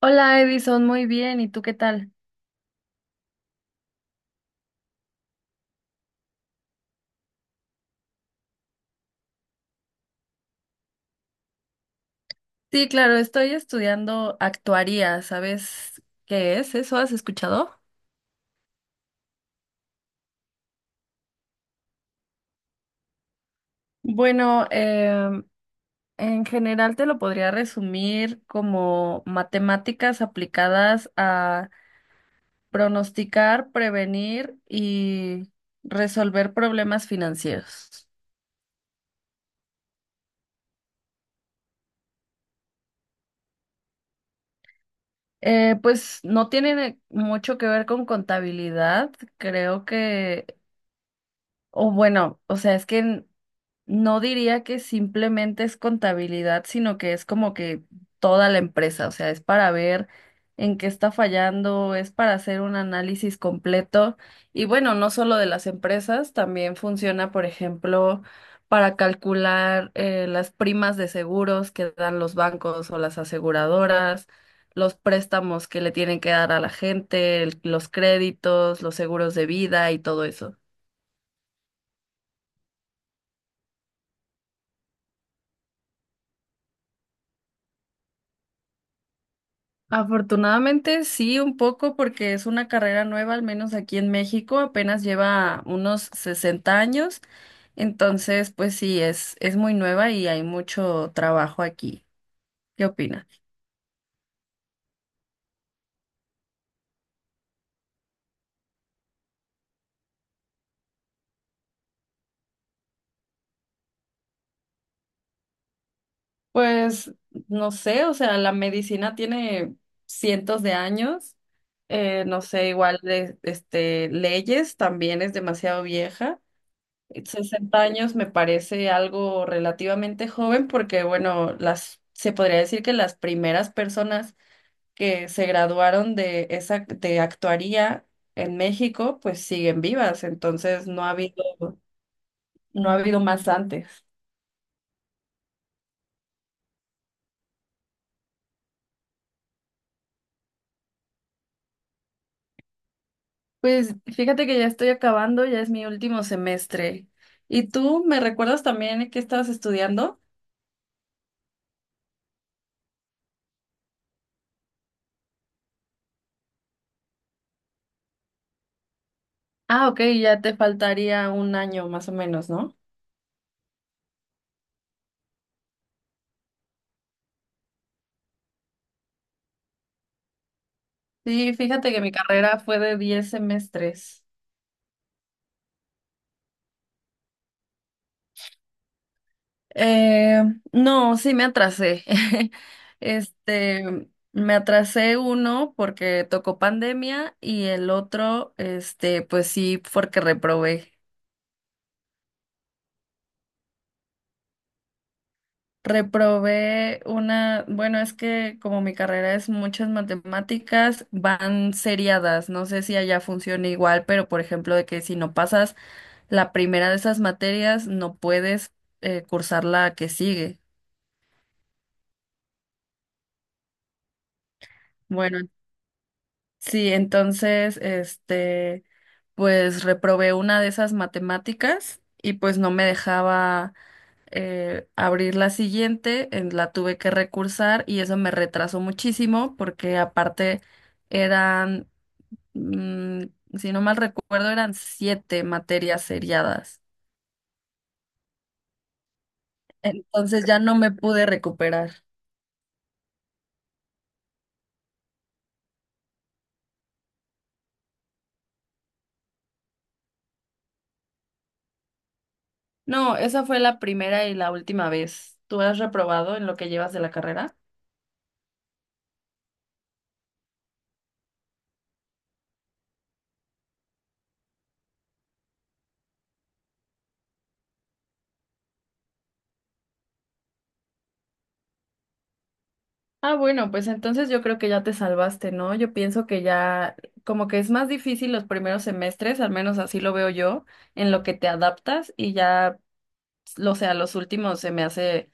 Hola Edison, muy bien. ¿Y tú qué tal? Sí, claro, estoy estudiando actuaría. ¿Sabes qué es eso? ¿Has escuchado? Bueno, en general te lo podría resumir como matemáticas aplicadas a pronosticar, prevenir y resolver problemas financieros. Pues no tiene mucho que ver con contabilidad, creo que, o bueno, o sea, es que no diría que simplemente es contabilidad, sino que es como que toda la empresa, o sea, es para ver en qué está fallando, es para hacer un análisis completo y bueno, no solo de las empresas, también funciona, por ejemplo, para calcular las primas de seguros que dan los bancos o las aseguradoras, los préstamos que le tienen que dar a la gente, los créditos, los seguros de vida y todo eso. Afortunadamente sí, un poco porque es una carrera nueva, al menos aquí en México, apenas lleva unos 60 años, entonces pues sí, es muy nueva y hay mucho trabajo aquí. ¿Qué opinas? Pues no sé, o sea, la medicina tiene cientos de años, no sé, igual de, este, leyes también es demasiado vieja. Sesenta años me parece algo relativamente joven porque, bueno, se podría decir que las primeras personas que se graduaron de esa, de actuaría en México, pues siguen vivas, entonces no ha habido más antes. Pues fíjate que ya estoy acabando, ya es mi último semestre. ¿Y tú me recuerdas también que estabas estudiando? Ah, ok, ya te faltaría un año más o menos, ¿no? Sí, fíjate que mi carrera fue de 10 semestres. Eh, no, sí me atrasé. Este, me atrasé uno porque tocó pandemia y el otro, este, pues sí, porque reprobé. Reprobé una, bueno, es que como mi carrera es muchas matemáticas, van seriadas. No sé si allá funciona igual, pero por ejemplo, de que si no pasas la primera de esas materias, no puedes cursar la que sigue. Bueno, sí, entonces, este, pues reprobé una de esas matemáticas y pues no me dejaba abrir la siguiente, la tuve que recursar y eso me retrasó muchísimo porque aparte eran, mm, si no mal recuerdo, eran siete materias seriadas. Entonces ya no me pude recuperar. No, esa fue la primera y la última vez. ¿Tú has reprobado en lo que llevas de la carrera? Ah, bueno, pues entonces yo creo que ya te salvaste, ¿no? Yo pienso que ya como que es más difícil los primeros semestres, al menos así lo veo yo, en lo que te adaptas y ya, o sea, los últimos se me hace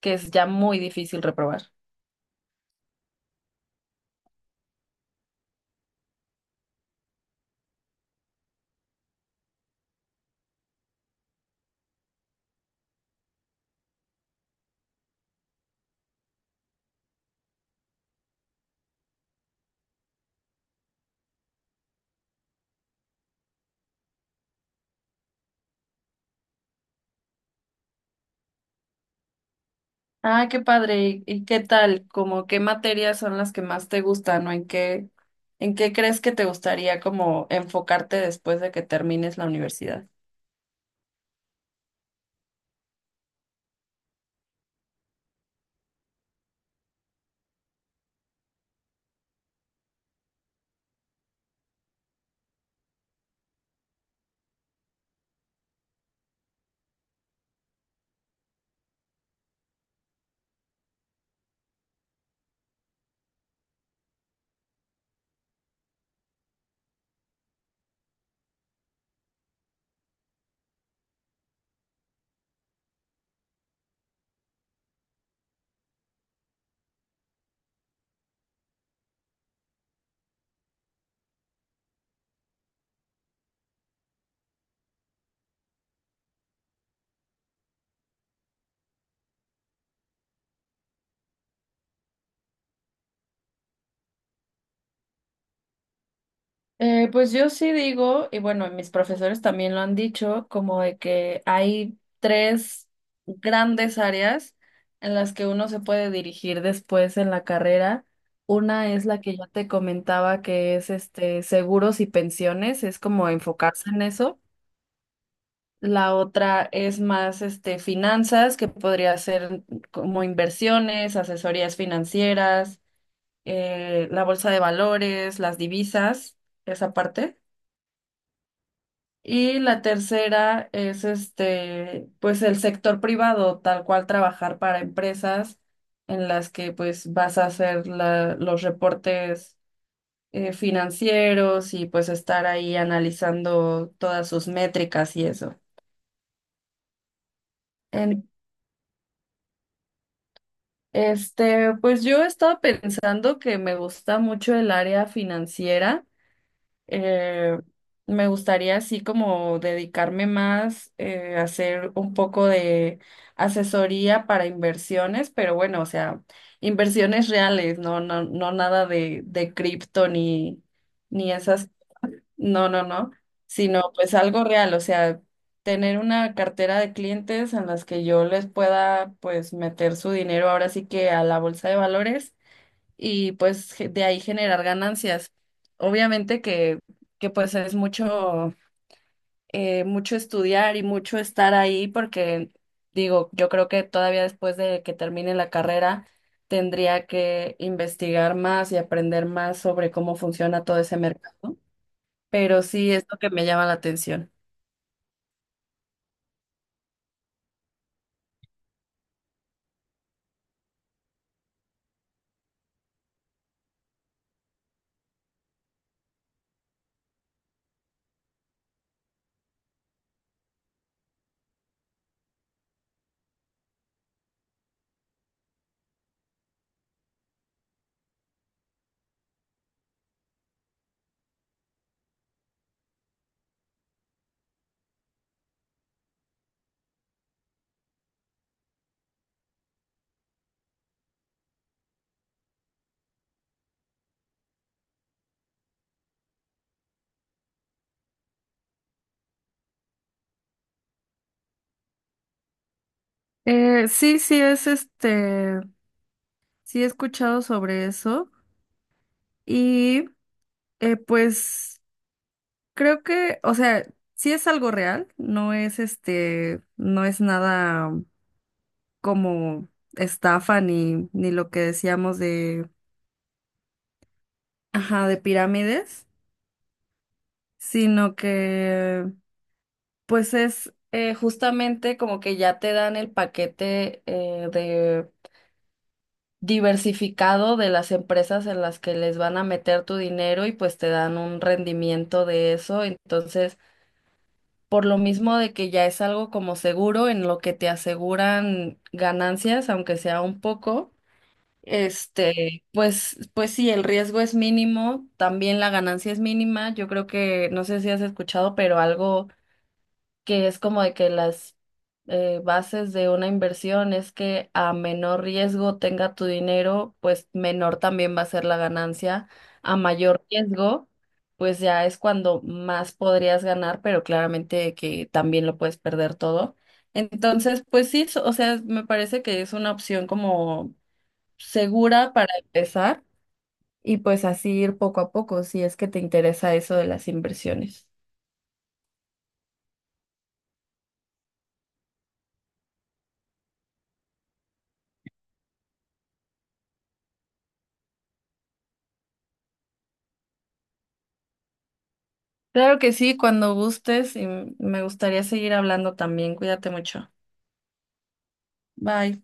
que es ya muy difícil reprobar. Ah, qué padre. ¿Y qué tal? ¿Como qué materias son las que más te gustan o en qué crees que te gustaría como enfocarte después de que termines la universidad? Pues yo sí digo, y bueno, mis profesores también lo han dicho, como de que hay tres grandes áreas en las que uno se puede dirigir después en la carrera. Una es la que ya te comentaba que es este seguros y pensiones, es como enfocarse en eso. La otra es más este finanzas, que podría ser como inversiones, asesorías financieras, la bolsa de valores, las divisas, esa parte. Y la tercera es este, pues el sector privado, tal cual trabajar para empresas en las que pues vas a hacer los reportes financieros y pues estar ahí analizando todas sus métricas y eso. En, este, pues yo estaba pensando que me gusta mucho el área financiera. Eh, Me gustaría así como dedicarme más a hacer un poco de asesoría para inversiones, pero bueno, o sea, inversiones reales, no, no, no nada de cripto ni esas, no, no, no, sino pues algo real, o sea, tener una cartera de clientes en las que yo les pueda pues meter su dinero ahora sí que a la bolsa de valores y pues ge- de ahí generar ganancias. Obviamente que pues es mucho, mucho estudiar y mucho estar ahí porque digo, yo creo que todavía después de que termine la carrera tendría que investigar más y aprender más sobre cómo funciona todo ese mercado, pero sí es lo que me llama la atención. Sí, sí, es este. Sí, he escuchado sobre eso y pues creo que, o sea, sí es algo real, no es este, no es nada como estafa ni lo que decíamos de, ajá, de pirámides, sino que pues es justamente como que ya te dan el paquete de diversificado de las empresas en las que les van a meter tu dinero y pues te dan un rendimiento de eso, entonces por lo mismo de que ya es algo como seguro en lo que te aseguran ganancias, aunque sea un poco, este, pues sí, el riesgo es mínimo, también la ganancia es mínima. Yo creo que, no sé si has escuchado, pero algo que es como de que las bases de una inversión es que a menor riesgo tenga tu dinero, pues menor también va a ser la ganancia. A mayor riesgo, pues ya es cuando más podrías ganar, pero claramente que también lo puedes perder todo. Entonces, pues sí, o sea, me parece que es una opción como segura para empezar y pues así ir poco a poco si es que te interesa eso de las inversiones. Claro que sí, cuando gustes y me gustaría seguir hablando también. Cuídate mucho. Bye.